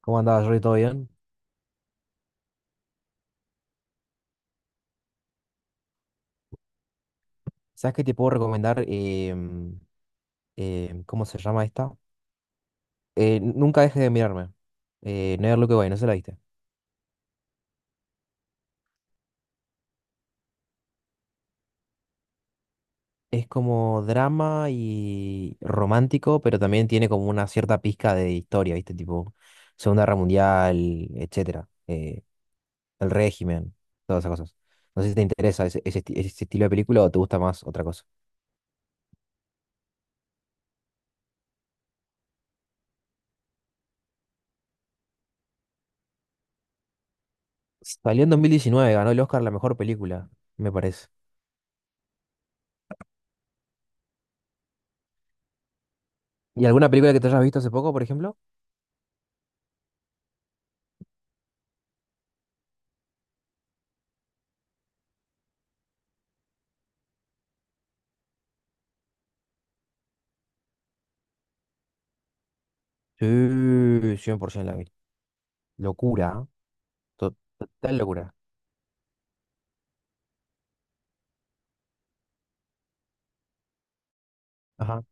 ¿Cómo andabas, Rory? ¿Todo bien? ¿Sabes qué te puedo recomendar? ¿Cómo se llama esta? Nunca dejes de mirarme. Never Look Away, no se la viste. Es como drama y romántico, pero también tiene como una cierta pizca de historia, ¿viste? Tipo Segunda Guerra Mundial, etcétera. El régimen, todas esas cosas. No sé si te interesa ese ese estilo de película o te gusta más otra cosa. Salió en 2019, ganó el Oscar a la mejor película, me parece. ¿Y alguna película que te hayas visto hace poco, por ejemplo? Sí, 100% la vi. Locura, ¿eh? Total locura. Ajá,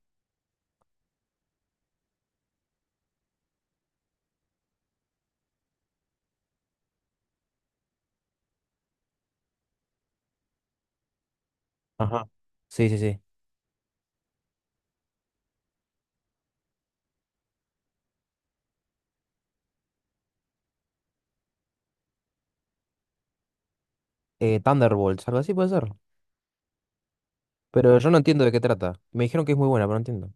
ajá. Sí, sí, sí. Thunderbolts, algo así puede ser. Pero yo no entiendo de qué trata. Me dijeron que es muy buena, pero no entiendo.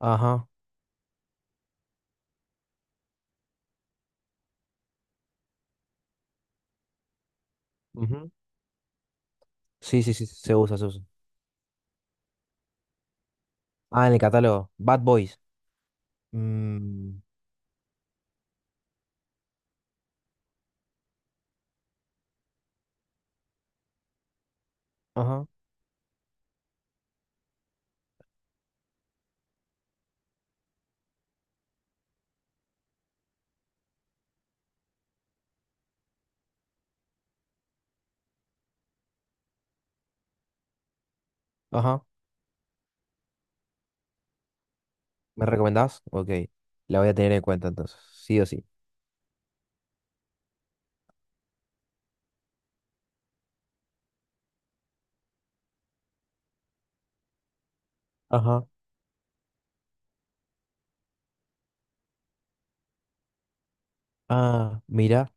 Ajá. Ujú. Sí, sí, sí, se usa, se usa. Ah, en el catálogo. Bad Boys. Mm, ajá, ajá. ¿Me recomendás? Ok. La voy a tener en cuenta entonces. Sí o sí. Ajá. Ah, mira.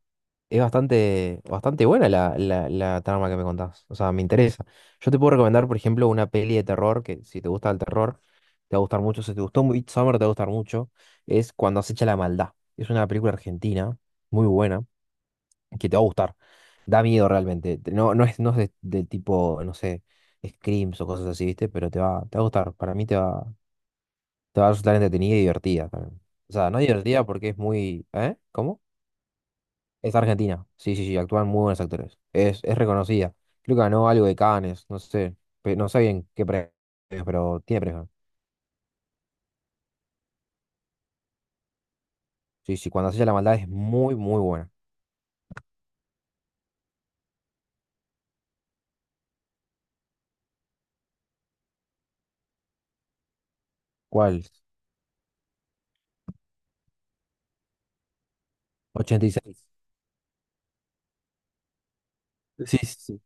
Es bastante, bastante buena la trama que me contás. O sea, me interesa. Yo te puedo recomendar, por ejemplo, una peli de terror que si te gusta el terror, te va a gustar mucho. Si te gustó Midsommar, te va a gustar mucho. Es Cuando acecha la maldad. Es una película argentina muy buena que te va a gustar. Da miedo realmente. No, no es, no es de tipo, no sé, screams o cosas así, ¿viste? Pero te va a gustar. Para mí te va a resultar entretenida y divertida también. O sea, no divertida porque es muy... ¿Eh? ¿Cómo? Es argentina. Sí, sí, sí, actúan muy buenos actores. Es reconocida. Creo que ganó algo de Cannes, no sé. No sé bien qué premio, pero tiene premio. Sí, sí, cuando hacía la maldad es muy, muy buena. ¿Cuál? 86. Sí, sí, sí.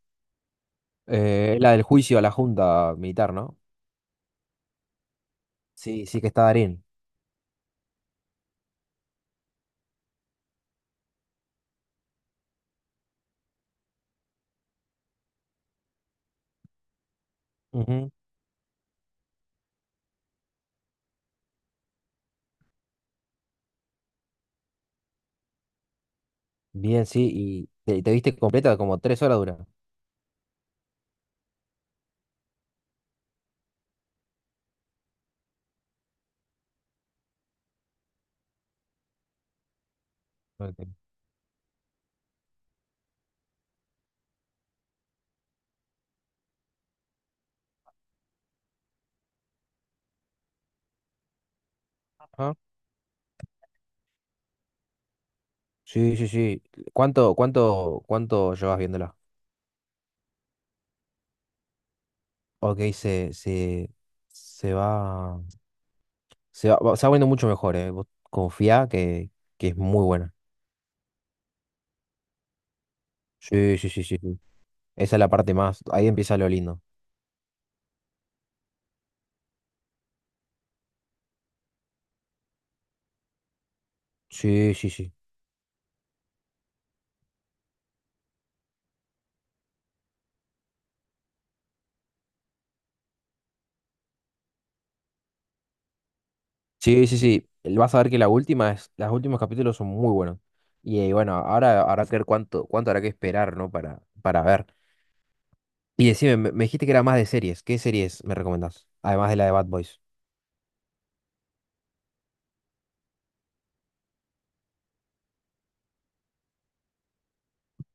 Es la del juicio a la junta militar, ¿no? Sí, sí, que está Darín. Ujú. Bien, sí, y te viste completa como 3 horas dura. Ok. Ajá. Sí, sí, sí. Cuánto llevas viéndola? Ok, se va. Se va poniendo mucho mejor, ¿eh? Vos confía que es muy buena. Sí, sí, sí, sí, sí. Esa es la parte más. Ahí empieza lo lindo. Sí, sí, sí. Sí, sí, sí. Vas a ver que la última es, los últimos capítulos son muy buenos. Y, bueno, ahora habrá que ver cuánto, cuánto habrá que esperar, ¿no? Para ver. Y decime, me dijiste que era más de series. ¿Qué series me recomendás? Además de la de Bad Boys.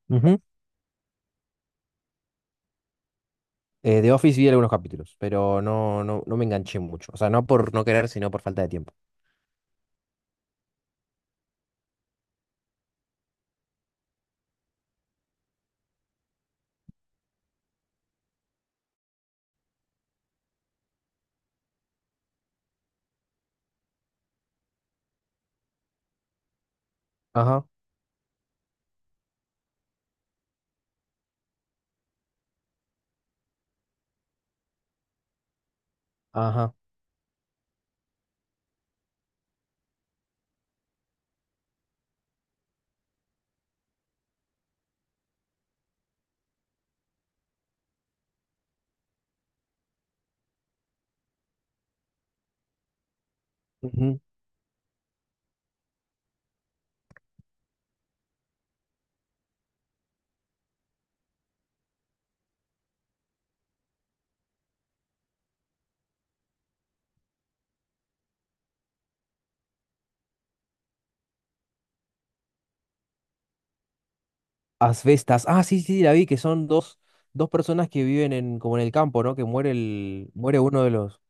Ujú. The Office vi algunos capítulos, pero no, no, no me enganché mucho. O sea, no por no querer, sino por falta de tiempo. Ajá, ajá. Asbestas. Ah, sí, sí, sí, la vi, que son dos, dos personas que viven en, como en el campo, ¿no? Que muere muere uno de los.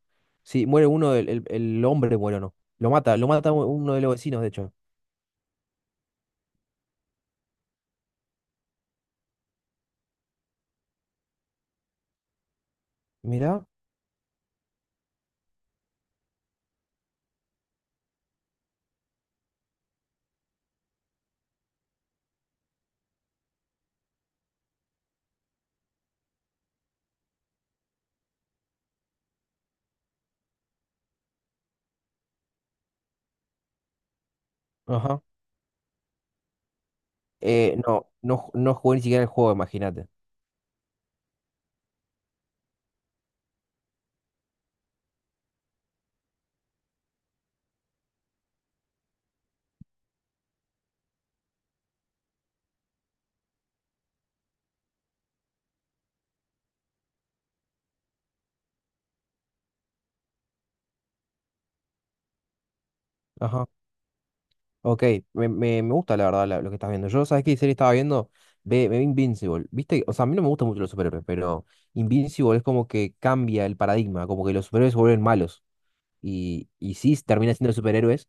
Sí, muere uno el hombre muere, ¿no? Lo mata uno de los vecinos, de hecho. Mirá. Ajá. No, no, no jugué ni siquiera el juego, imagínate. Ajá. Ok, me gusta la verdad lo que estás viendo. Yo, ¿sabes qué serie estaba viendo? Ve, me vi Invincible. ¿Viste? O sea, a mí no me gustan mucho los superhéroes, pero Invincible es como que cambia el paradigma, como que los superhéroes se vuelven malos. Y, y sí termina siendo superhéroes,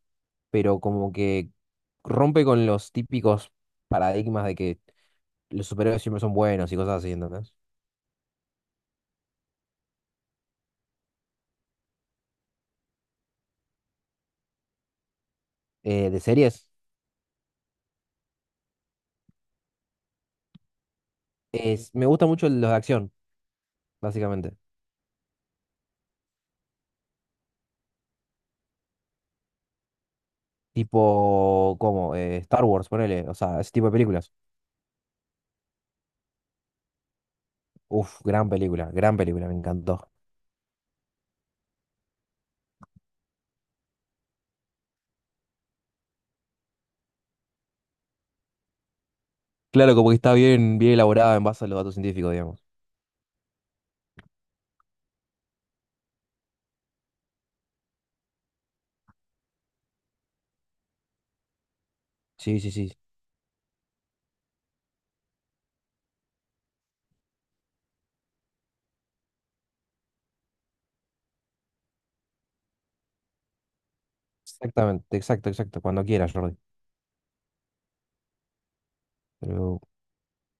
pero como que rompe con los típicos paradigmas de que los superhéroes siempre son buenos y cosas así, ¿entendés? De series, es, me gusta mucho los de acción, básicamente. Tipo, como Star Wars, ponele, o sea, ese tipo de películas. Uf, gran película, me encantó. Claro, como que está bien, bien elaborada en base a los datos científicos, digamos. Sí, sí, sí. Exactamente, exacto, exacto. Cuando quieras, Jordi. Pero